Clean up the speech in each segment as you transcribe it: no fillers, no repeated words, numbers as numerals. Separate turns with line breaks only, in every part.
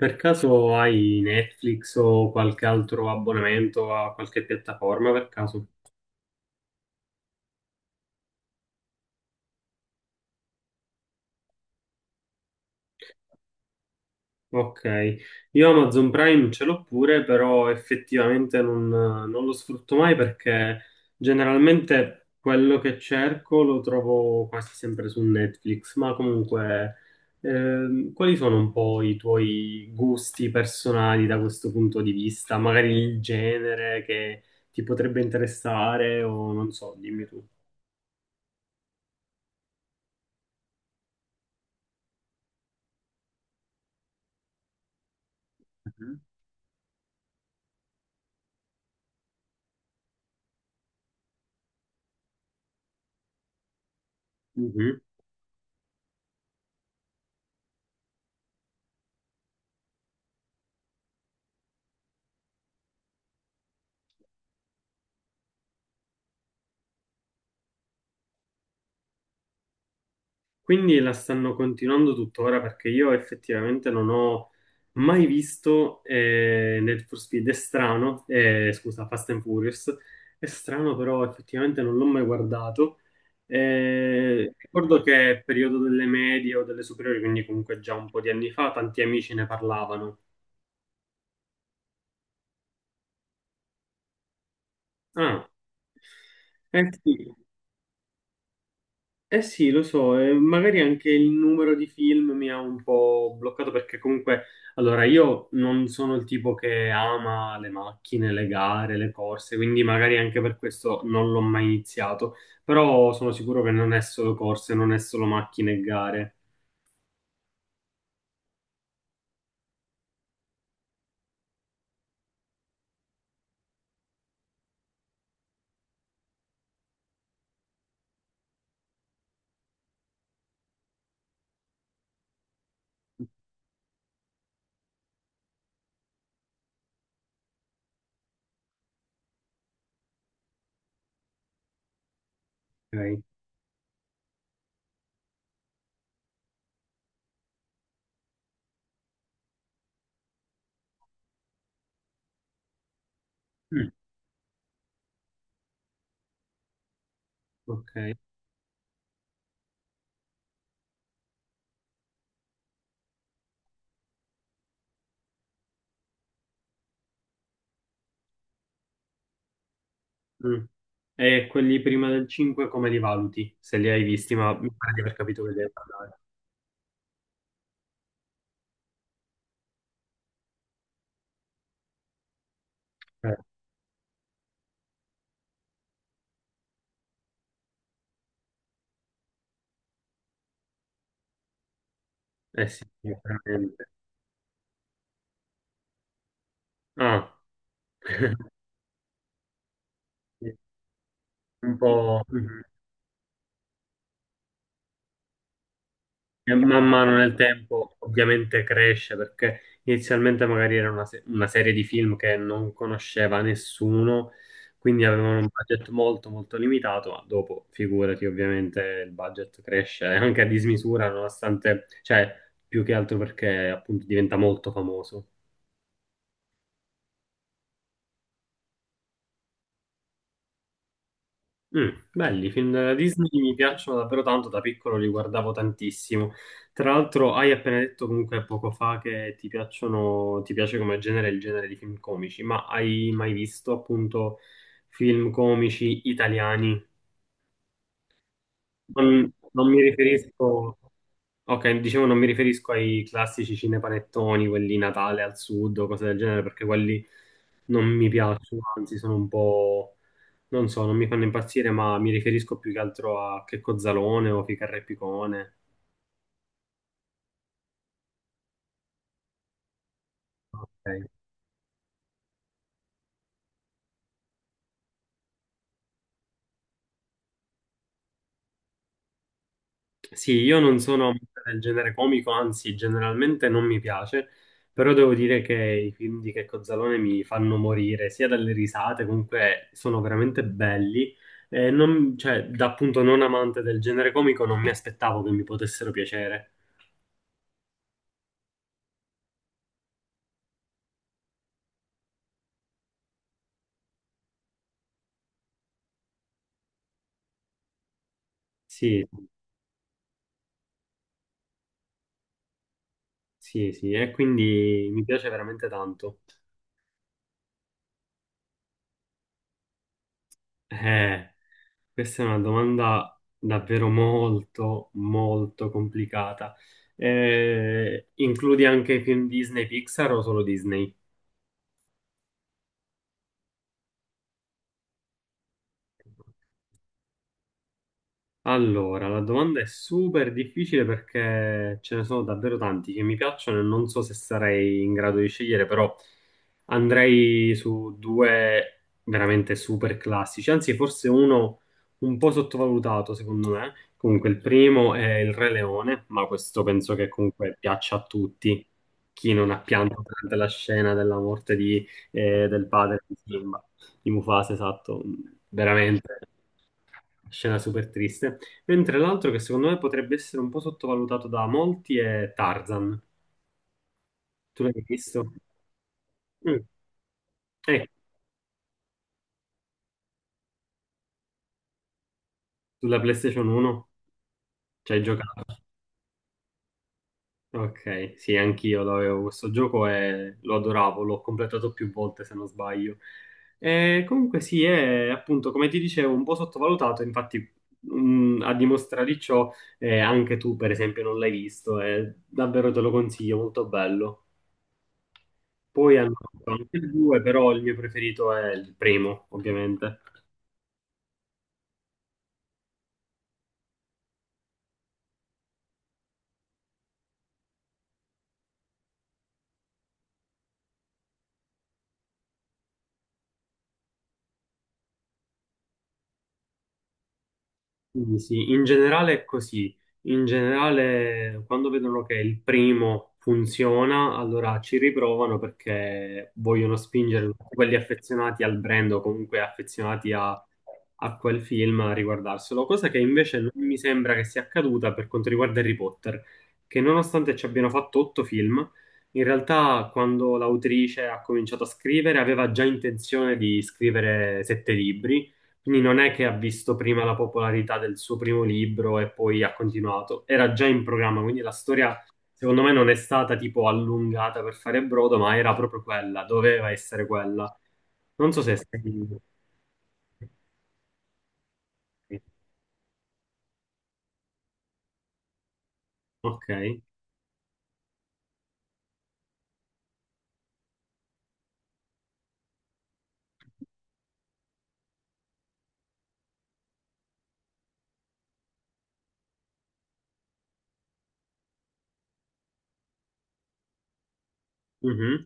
Per caso hai Netflix o qualche altro abbonamento a qualche piattaforma per caso? Ok, io Amazon Prime ce l'ho pure, però effettivamente non lo sfrutto mai perché generalmente quello che cerco lo trovo quasi sempre su Netflix, ma comunque quali sono un po' i tuoi gusti personali da questo punto di vista? Magari il genere che ti potrebbe interessare o non so, dimmi tu. Mhm. Quindi la stanno continuando tuttora perché io effettivamente non ho mai visto Need for Speed. È strano, scusa, Fast and Furious. È strano, però effettivamente non l'ho mai guardato. Ricordo che è periodo delle medie o delle superiori, quindi comunque già un po' di anni fa, tanti amici ne parlavano. Ah, eh sì. Eh sì, lo so, e magari anche il numero di film mi ha un po' bloccato perché comunque, allora, io non sono il tipo che ama le macchine, le gare, le corse, quindi magari anche per questo non l'ho mai iniziato, però sono sicuro che non è solo corse, non è solo macchine e gare. Ok. Mm, ok. Mm. E quelli prima del 5 come li valuti? Se li hai visti, ma mi pare di aver capito che devi parlare. Eh, eh sì, veramente. Ah, un po'. Mhm. E man mano nel tempo ovviamente cresce perché inizialmente magari era una, una serie di film che non conosceva nessuno, quindi avevano un budget molto molto limitato, ma dopo figurati ovviamente il budget cresce anche a dismisura, nonostante, cioè più che altro perché appunto diventa molto famoso. Mm, belli, i film della Disney mi piacciono davvero tanto, da piccolo li guardavo tantissimo. Tra l'altro, hai appena detto comunque poco fa che ti piacciono, ti piace come genere il genere di film comici, ma hai mai visto appunto film comici italiani? Non mi riferisco, ok, dicevo non mi riferisco ai classici cinepanettoni, quelli Natale al Sud o cose del genere, perché quelli non mi piacciono, anzi sono un po'. Non so, non mi fanno impazzire, ma mi riferisco più che altro a Checco Zalone o Ficarra e Picone. Ok. Sì, io non sono amante del genere comico, anzi, generalmente non mi piace, però devo dire che i film di Checco Zalone mi fanno morire, sia dalle risate, comunque sono veramente belli. E non- cioè, da appunto non amante del genere comico, non mi aspettavo che mi potessero piacere. Sì, sì, sì, e quindi mi piace veramente tanto. Eh. Questa è una domanda davvero molto, molto complicata. Includi anche i film Disney Pixar o solo Disney? Allora, la domanda è super difficile perché ce ne sono davvero tanti che mi piacciono e non so se sarei in grado di scegliere, però andrei su due veramente super classici, anzi forse uno un po' sottovalutato secondo me. Comunque il primo è il Re Leone, ma questo penso che comunque piaccia a tutti, chi non ha pianto durante la scena della morte di, del padre di Simba, di Mufasa, esatto, veramente. Scena super triste. Mentre l'altro che secondo me potrebbe essere un po' sottovalutato da molti è Tarzan. Tu l'hai visto? Mm. Ecco, sulla PlayStation 1 ci hai giocato. Ok, sì, anch'io lo avevo questo gioco e lo adoravo, l'ho completato più volte se non sbaglio. E comunque sì, è appunto, come ti dicevo, un po' sottovalutato, infatti mm, a dimostrare di ciò anche tu per esempio non l'hai visto, è davvero te lo consiglio, molto bello. Poi hanno fatto anche il due, però il mio preferito è il primo, ovviamente. Sì, sì, in generale è così. In generale, quando vedono che il primo funziona, allora ci riprovano perché vogliono spingere tutti quelli affezionati al brand o comunque affezionati a, a quel film a riguardarselo. Cosa che invece non mi sembra che sia accaduta per quanto riguarda Harry Potter, che nonostante ci abbiano fatto otto film, in realtà quando l'autrice ha cominciato a scrivere aveva già intenzione di scrivere sette libri, quindi non è che ha visto prima la popolarità del suo primo libro e poi ha continuato, era già in programma, quindi la storia secondo me non è stata tipo allungata per fare brodo, ma era proprio quella, doveva essere quella. Non so se è stato... Ok. Mhm.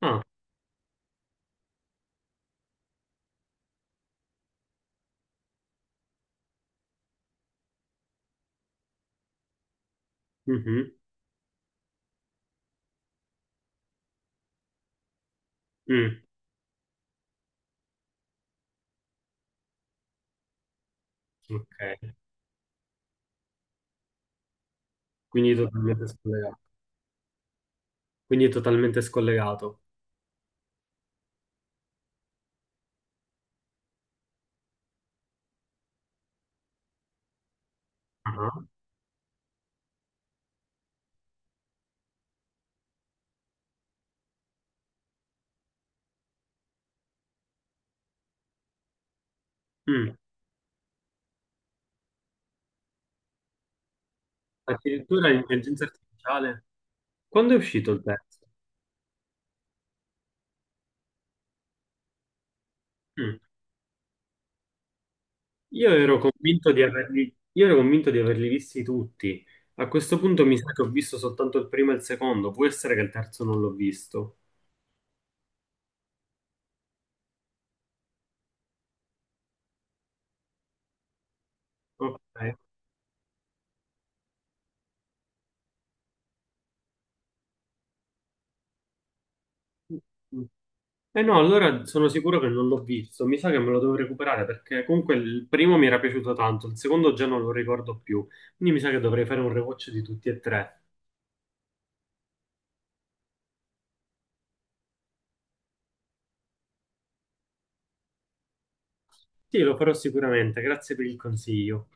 Ah, mhm. Mm. Ok. Quindi totalmente scollegato. Quindi totalmente scollegato. Ah. Mm. Addirittura l'intelligenza artificiale. Quando è uscito il pezzo? Mm. Io ero convinto di averli, io ero convinto di averli visti tutti. A questo punto mi sa che ho visto soltanto il primo e il secondo, può essere che il terzo non l'ho visto. Ok. Eh no, allora sono sicuro che non l'ho visto, mi sa che me lo devo recuperare perché comunque il primo mi era piaciuto tanto, il secondo già non lo ricordo più, quindi mi sa che dovrei fare un rewatch di tutti e tre. Sì, lo farò sicuramente, grazie per il consiglio.